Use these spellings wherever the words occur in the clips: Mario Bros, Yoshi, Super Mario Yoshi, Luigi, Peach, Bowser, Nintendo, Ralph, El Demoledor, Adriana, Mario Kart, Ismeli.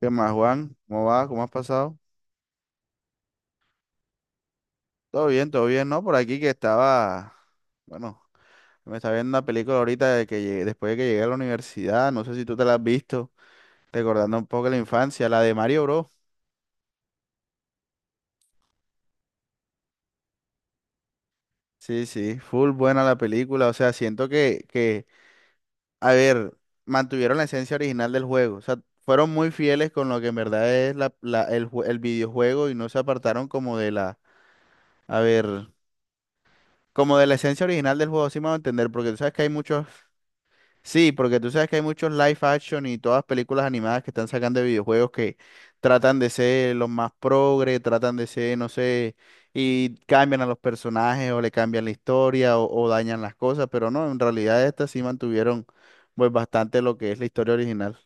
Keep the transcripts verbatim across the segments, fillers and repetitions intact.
¿Qué más, Juan? ¿Cómo va? ¿Cómo has pasado? Todo bien, todo bien, ¿no? Por aquí que estaba, bueno, me estaba viendo una película ahorita de que llegué- después de que llegué a la universidad, no sé si tú te la has visto, recordando un poco la infancia, la de Mario Bros. Sí, sí, full buena la película, o sea, siento que, que, a ver, mantuvieron la esencia original del juego, o sea, fueron muy fieles con lo que en verdad es la, la- el, jue- el videojuego y no se apartaron como de la, a ver, como de la esencia original del juego, sí me va a entender, porque tú sabes que hay muchos. Sí, porque tú sabes que hay muchos live action y todas películas animadas que están sacando de videojuegos que tratan de ser los más progre, tratan de ser, no sé, y cambian a los personajes o le cambian la historia o, o dañan las cosas, pero no, en realidad estas sí mantuvieron pues bastante lo que es la historia original.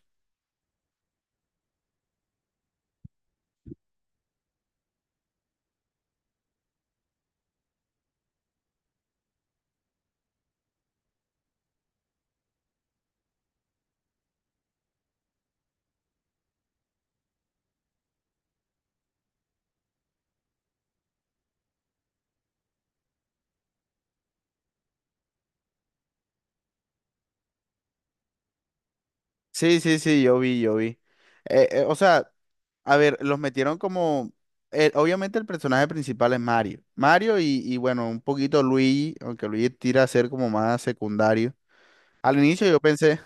Sí, sí, sí, yo vi, yo vi. Eh, eh, o sea, a ver, los metieron como... eh, obviamente el personaje principal es Mario. Mario y, y bueno, un poquito Luigi, aunque Luigi tira a ser como más secundario. Al inicio yo pensé,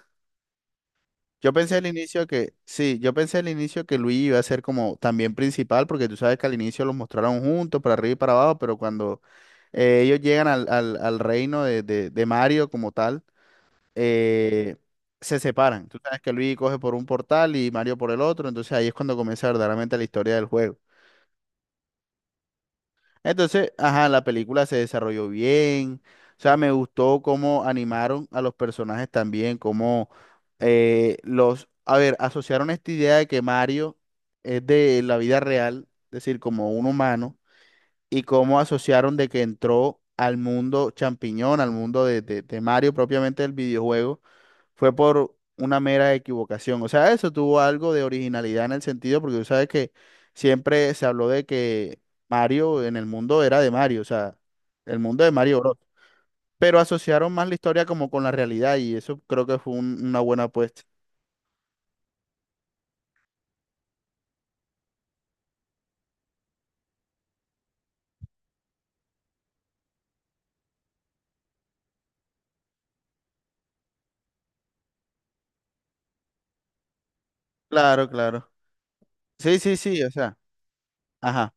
yo pensé al inicio que, sí, yo pensé al inicio que Luigi iba a ser como también principal, porque tú sabes que al inicio los mostraron juntos, para arriba y para abajo, pero cuando eh, ellos llegan al, al- al reino de, de- de Mario como tal, eh, se separan. Tú sabes que Luigi coge por un portal y Mario por el otro, entonces ahí es cuando comienza verdaderamente la historia del juego. Entonces, ajá, la película se desarrolló bien. O sea, me gustó cómo animaron a los personajes también, cómo eh, los, a ver, asociaron esta idea de que Mario es de la vida real, es decir, como un humano, y cómo asociaron de que entró al mundo champiñón, al mundo de, de de Mario propiamente del videojuego fue por una mera equivocación. O sea, eso tuvo algo de originalidad en el sentido, porque tú sabes que siempre se habló de que Mario en el mundo era de Mario, o sea, el mundo de Mario Bros. Pero asociaron más la historia como con la realidad y eso creo que fue un- una buena apuesta. Claro, claro. Sí, sí, sí, o sea, ajá.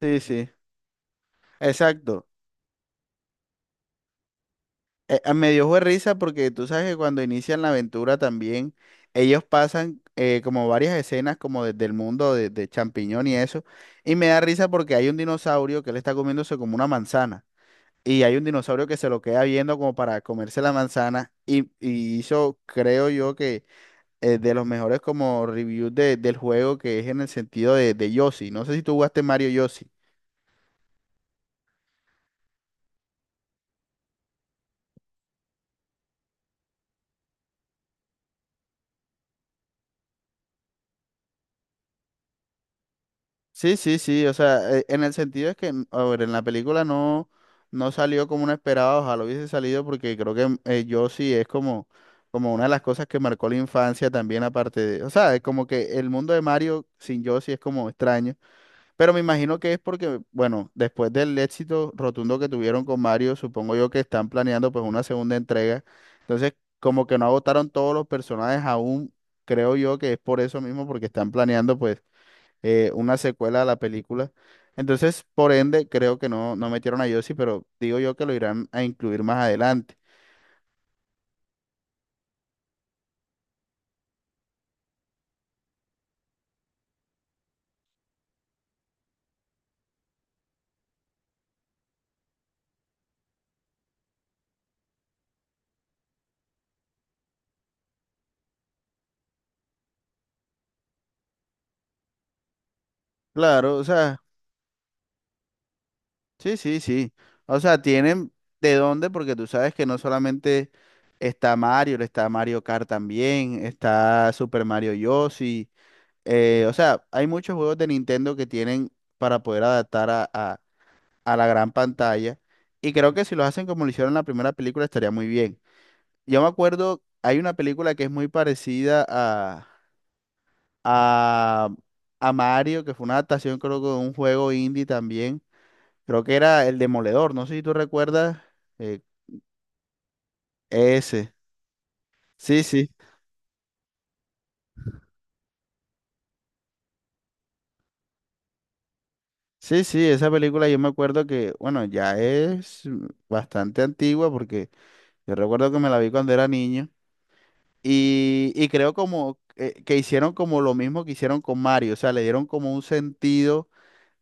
Sí, sí. Exacto. Eh, ah, me dio fue risa porque tú sabes que cuando inician la aventura también ellos pasan eh, como varias escenas como desde el mundo de, de champiñón y eso. Y me da risa porque hay un dinosaurio que le está comiéndose como una manzana. Y hay un dinosaurio que se lo queda viendo como para comerse la manzana. Y, y hizo, creo yo, que eh, de los mejores como reviews de- del juego que es en el sentido de, de Yoshi. No sé si tú jugaste Mario Yoshi. Sí, sí, sí, o sea, eh, en el sentido es que, n- a ver, en la película no, no salió como uno esperaba, ojalá hubiese salido porque creo que mm, eh, yo sí es como, como una de las cosas que marcó la infancia también aparte de, o sea, es como que el mundo de Mario sin Yoshi es como extraño, pero me imagino que es porque, bueno, después del éxito rotundo que tuvieron con Mario, supongo yo que están planeando pues una segunda entrega, entonces como que no agotaron todos los personajes aún, creo yo que es por eso mismo, porque están planeando pues eh, una secuela a la película. Entonces, por ende, creo que no, no metieron a Yossi, pero digo yo que lo irán a incluir más adelante. Claro, o sea, sí, sí, sí. O sea, tienen de dónde, porque tú sabes que no solamente está Mario, está Mario Kart también, está Super Mario Yossi. Eh, o sea, hay muchos juegos de Nintendo que tienen para poder adaptar a, a a la gran pantalla. Y creo que si lo hacen como lo hicieron en la primera película estaría muy bien. Yo me acuerdo, hay una película que es muy parecida a, a, a Mario, que fue una adaptación creo que de un juego indie también. Creo que era El Demoledor, no sé si tú recuerdas eh, ese. Sí, sí, sí, sí, esa película yo me acuerdo que, bueno, ya es mm, bastante antigua porque yo recuerdo que me la vi cuando era niño y, y creo como eh, que hicieron como lo mismo que hicieron con Mario, o sea, le dieron como un sentido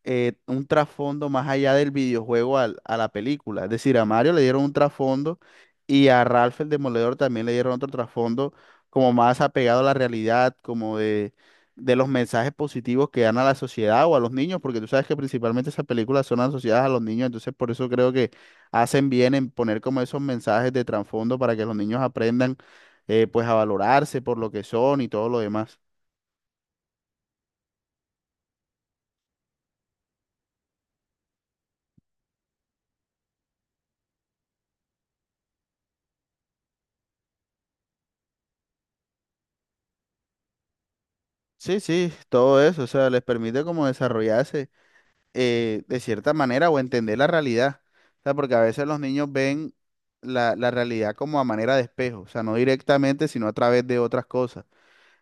eh, un trasfondo más allá del videojuego al- a la película. Es decir, a Mario le dieron un trasfondo y a Ralph el Demoledor también le dieron otro trasfondo como más apegado a la realidad, como de, de los mensajes positivos que dan a la sociedad o a los niños, porque tú sabes que principalmente esas películas son asociadas a los niños, entonces por eso creo que hacen bien en poner como esos mensajes de trasfondo para que los niños aprendan eh, pues a valorarse por lo que son y todo lo demás. Sí, sí, todo eso, o sea, les permite como desarrollarse eh, de cierta manera o entender la realidad. O sea, porque a veces los niños ven la, la realidad como a manera de espejo, o sea, no directamente, sino a través de otras cosas.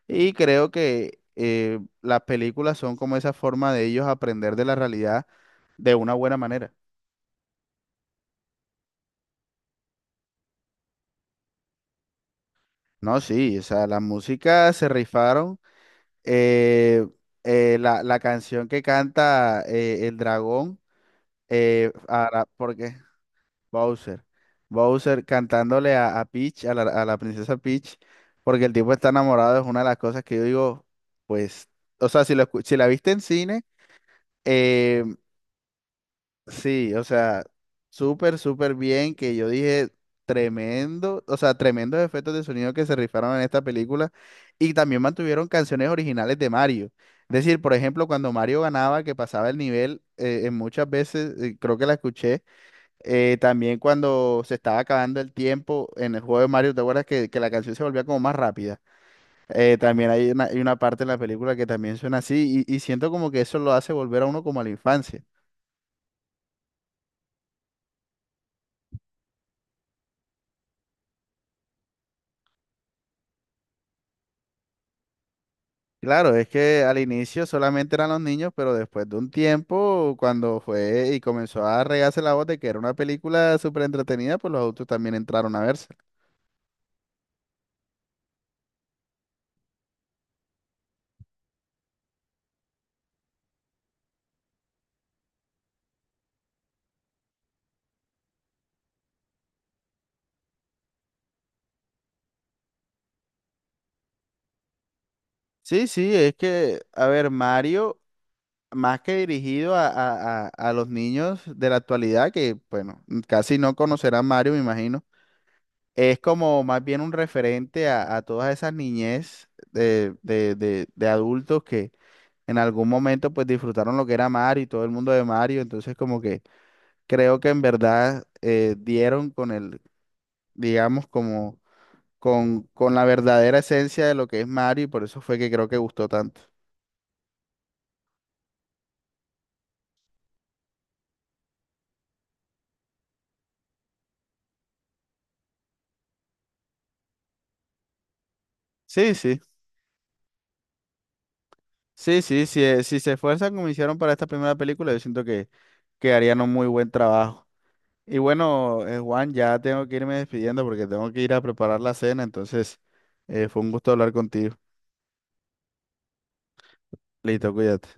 Y creo que eh, las películas son como esa forma de ellos aprender de la realidad de una buena manera. No, sí, o sea, la música se rifaron. eh, eh, la, la canción que canta eh, el dragón, eh, ahora, porque Bowser. Bowser cantándole a, a Peach, a la, a la princesa Peach, porque el tipo está enamorado, es una de las cosas que yo digo, pues, o sea, si, lo escu- si la viste en cine, eh, sí, o sea, súper, súper bien, que yo dije, tremendo, o sea, tremendos efectos de sonido que se rifaron en esta película, y también mantuvieron canciones originales de Mario. Es decir, por ejemplo, cuando Mario ganaba, que pasaba el nivel, eh, en muchas veces, eh, creo que la escuché eh, también cuando se estaba acabando el tiempo en el juego de Mario, ¿te acuerdas que, que la canción se volvía como más rápida? Eh, también hay una, hay una parte en la película que también suena así y, y siento como que eso lo hace volver a uno como a la infancia. Claro, es que al inicio solamente eran los niños, pero después de un tiempo, cuando fue y comenzó a regarse la voz de que era una película súper entretenida, pues los adultos también entraron a verse. Sí, sí, es que, a ver, Mario. Más que dirigido a, a- a- a los niños de la actualidad, que bueno, casi no conocerán Mario, me imagino, es como más bien un referente a, a todas esas niñez de, de- de- de adultos que en algún momento pues disfrutaron lo que era Mario y todo el mundo de Mario, entonces como que creo que en verdad eh, dieron con el, digamos, como con, con la verdadera esencia de lo que es Mario y por eso fue que creo que gustó tanto. Sí, sí. Sí, sí, sí, eh, si se esfuerzan como hicieron para esta primera película, yo siento que, que harían un muy buen trabajo. Y bueno, eh, Juan, ya tengo que irme despidiendo porque tengo que ir a preparar la cena, entonces eh, fue un gusto hablar contigo. Listo, cuídate.